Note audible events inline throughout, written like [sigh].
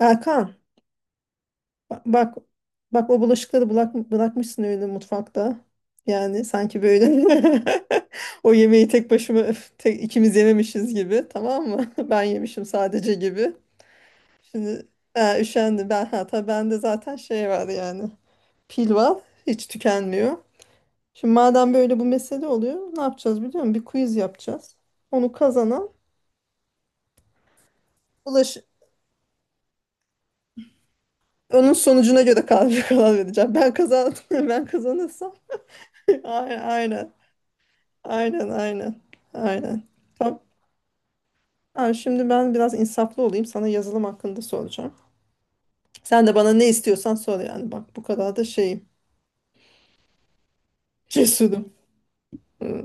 Erkan, ba- bak bak o bulaşıkları bırak, bırakmışsın öyle mutfakta. Yani sanki böyle [laughs] o yemeği tek başıma öf, tek, ikimiz yememişiz gibi, tamam mı? [laughs] Ben yemişim sadece gibi. Şimdi ha, üşendim ben, hatta bende zaten şey var yani, pil var, hiç tükenmiyor. Şimdi madem böyle bu mesele oluyor, ne yapacağız biliyor musun? Bir quiz yapacağız. Onu kazanan bulaş onun sonucuna göre karar [laughs] karar vereceğim. Ben kazandım [laughs] ben kazanırsam [laughs] aynen, aynen. Aynen, aynen. Aynen. Tamam. Ha, şimdi ben biraz insaflı olayım. Sana yazılım hakkında soracağım. Sen de bana ne istiyorsan sor yani. Bak, bu kadar da şeyim. [laughs] Cesurum. Hı.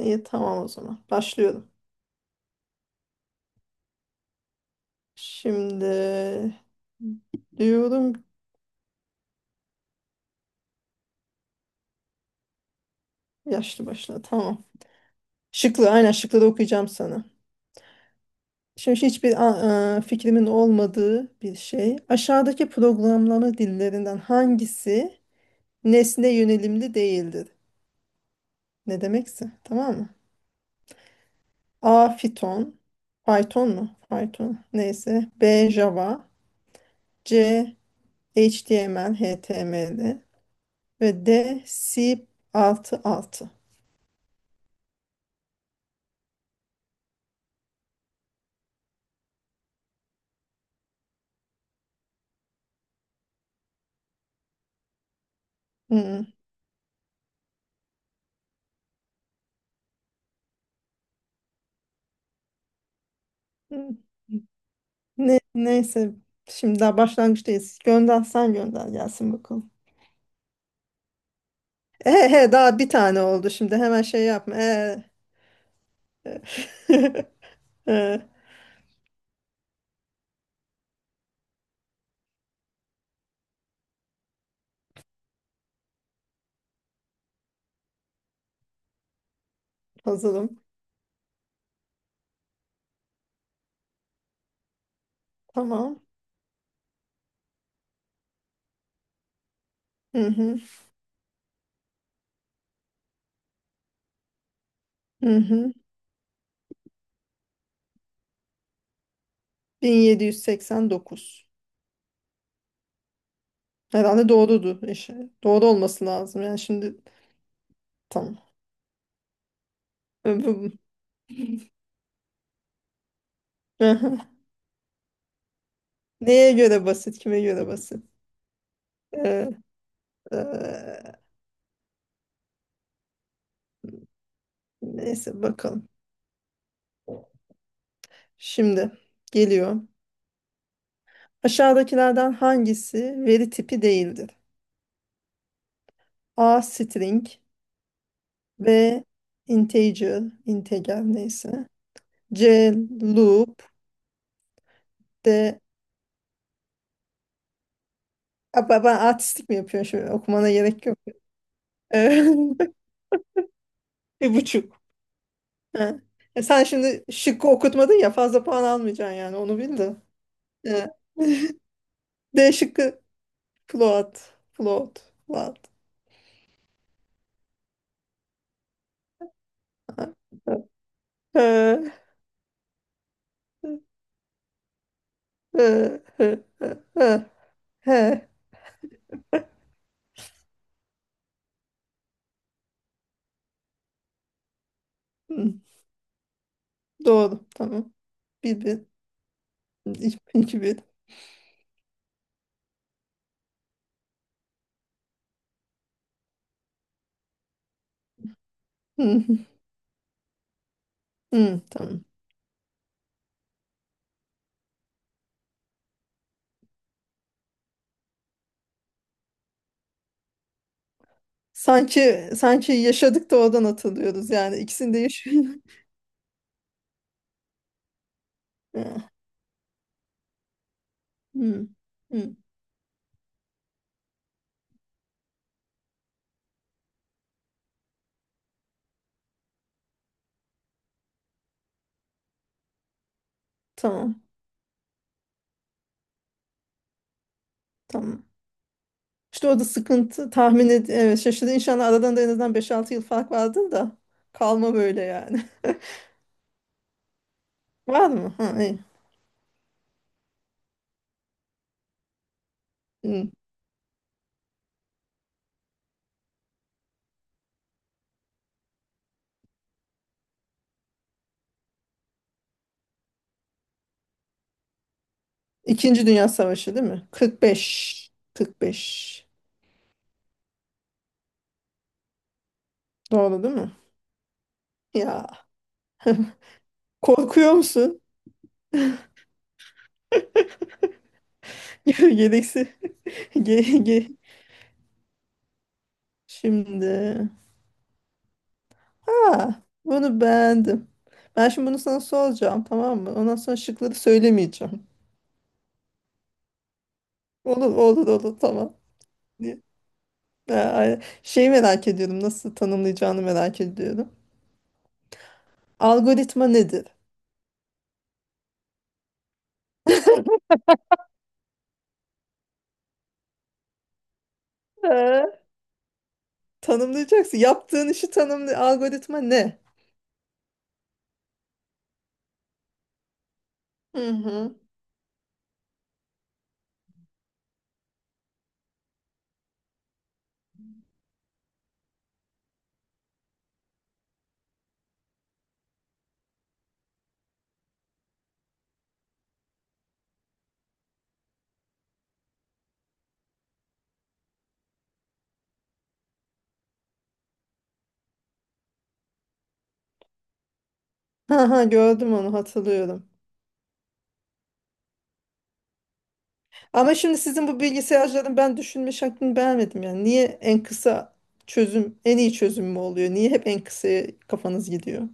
İyi, tamam o zaman. Başlıyorum. Şimdi diyorum, yaşlı başla. Tamam. Şıklı, aynen şıkları okuyacağım sana. Şimdi hiçbir fikrimin olmadığı bir şey. Aşağıdaki programlama dillerinden hangisi nesne yönelimli değildir? Ne demekse, tamam mı? A. Python. Python mu? Python. Neyse. B. Java. C. HTML, HTML ve D. C++. Altı altı. Hmm. Hmm. Neyse. Şimdi daha başlangıçtayız. Gönder, sen gönder gelsin bakalım. He, daha bir tane oldu. Şimdi hemen şey yapma. E. [laughs] E, Hazırım. Tamam. Hı hı. Hı hı. 1789. Herhalde doğrudur. İşte doğru olması lazım. Yani şimdi tamam. [laughs] Ee, aha. Neye göre basit, kime göre basit? Ee, ee, neyse, bakalım. Şimdi geliyor. Aşağıdakilerden hangisi veri tipi değildir? A. String. B. Integer, integer neyse. C. Loop. D. Aa, ben artistik mi yapıyorum şimdi? Okumana gerek yok. Ee, [laughs] Bir buçuk. Ha. Sen şimdi şıkkı okutmadın ya, fazla puan almayacaksın yani, onu bil de. Ee, D şıkkı Plot. Plot. Plot. Doğru. Tamam. Bir bir. İki iki bir. Hı, hı. Tamam. Sanki sanki yaşadık da oradan hatırlıyoruz yani, ikisini de yaşıyoruz. Hı, hı, hı. Tamam. Tamam. İşte orada sıkıntı, tahmin evet, şaşırdı. İnşallah aradan da en azından 5-6 yıl fark vardır da kalma böyle yani. [laughs] Var mı? Ha, iyi. Hı. İkinci Dünya Savaşı değil mi? 45. 45. Doğru değil mi? Ya [laughs] korkuyor musun? [laughs] Gereksi. [laughs] Ge ge şimdi. Ha, bunu beğendim. Ben şimdi bunu sana soracağım, tamam mı? Ondan sonra şıkları söylemeyeceğim. Olur, olur, olur, tamam. Diye. Ha, şeyi merak ediyorum. Nasıl tanımlayacağını merak ediyorum. Algoritma nedir? Ha, tanımlayacaksın. Yaptığın işi tanımlı. Algoritma ne? Hı hı. Ha ha, gördüm, onu hatırlıyorum. Ama şimdi sizin bu bilgisayarcıların ben düşünme şeklini beğenmedim yani. Niye en kısa çözüm en iyi çözüm mü oluyor? Niye hep en kısaya kafanız gidiyor?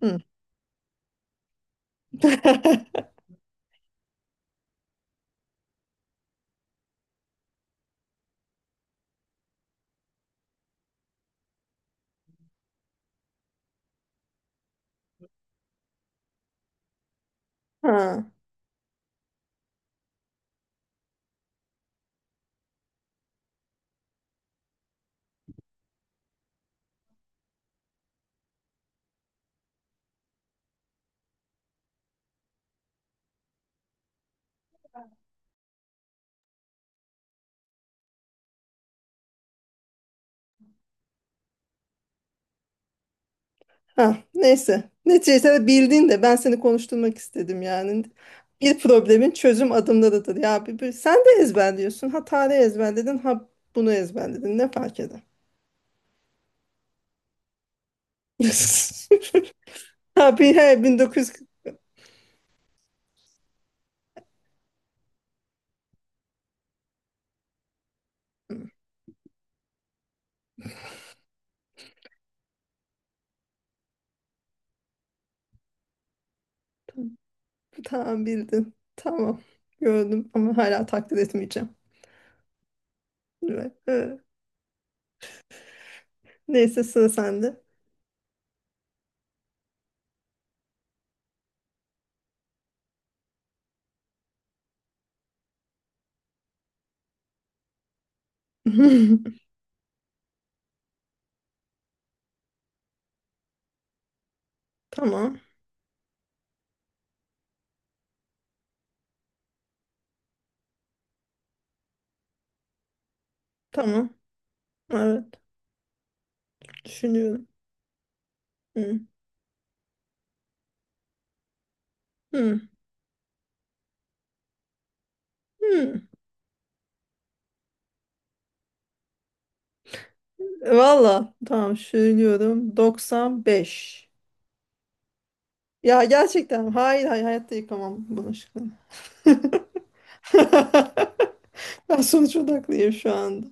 Hı. [laughs] Ha, ha, neyse. Neticede bildin de ben seni konuşturmak istedim yani. Bir problemin çözüm adımlarıdır. Ya sen de ezberliyorsun. Ha tarih ezberledin, ha bunu ezberledin. Ne fark eder? [laughs] Ha bir he, tamam bildin. Tamam. Gördüm ama hala taklit etmeyeceğim. Evet, evet. Neyse, sıra sende. [laughs] Tamam. Tamam. Evet. Düşünüyorum. Hı. Hı. Hı. Valla. Tamam. Söylüyorum. 95. Ya gerçekten. Hayır, hayır. Hayatta yıkamam bulaşıkları. [laughs] Ben sonuç odaklıyım şu anda.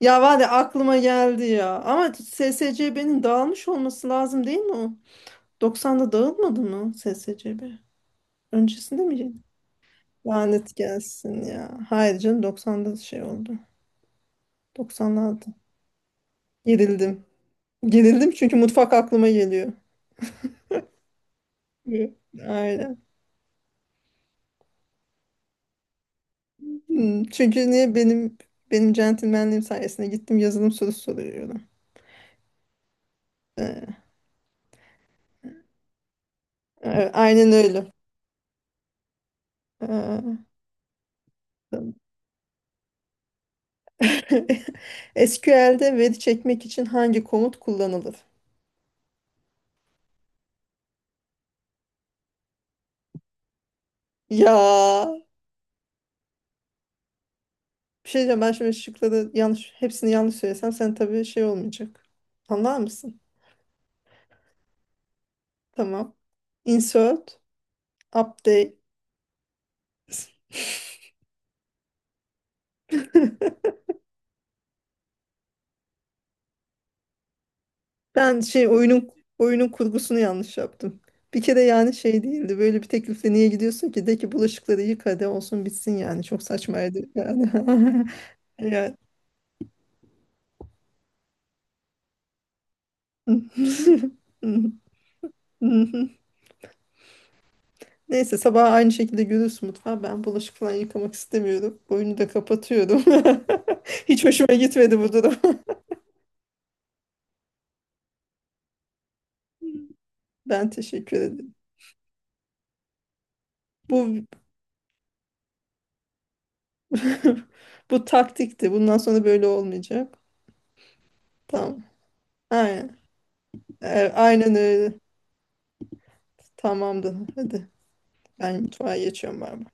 Ya var ya, aklıma geldi ya. Ama SSCB'nin dağılmış olması lazım değil mi o? 90'da dağılmadı mı SSCB? Öncesinde mi? Yedin? Lanet gelsin ya. Hayır canım, 90'da şey oldu. 96. Gerildim. Gerildim çünkü mutfak aklıma geliyor. Evet. Aynen. Hmm. Çünkü niye benim centilmenliğim sayesinde gittim yazılım sorusu soruyorum. Ee, aynen öyle. Ee, tamam. [laughs] SQL'de veri çekmek için hangi komut kullanılır? Ya bir şey diyeceğim, ben şimdi şıkları yanlış, hepsini yanlış söylesem sen tabii şey olmayacak. Anlar mısın? Tamam. Insert, update. [laughs] Ben şey, oyunun kurgusunu yanlış yaptım. Bir kere yani şey değildi. Böyle bir teklifle niye gidiyorsun ki? De ki bulaşıkları yık, hadi olsun bitsin yani. Çok saçmaydı yani. [laughs] Yani. [laughs] Neyse, sabah aynı şekilde görürsün mutfağı. Ben bulaşık falan yıkamak istemiyorum. Oyunu da kapatıyorum. [laughs] Hiç hoşuma gitmedi bu durum. [laughs] Ben teşekkür ederim. Bu [laughs] bu taktikti. Bundan sonra böyle olmayacak. Tamam. Aynen. E, Aynen öyle. Tamamdır. Hadi. Ben mutfağa geçiyorum ben.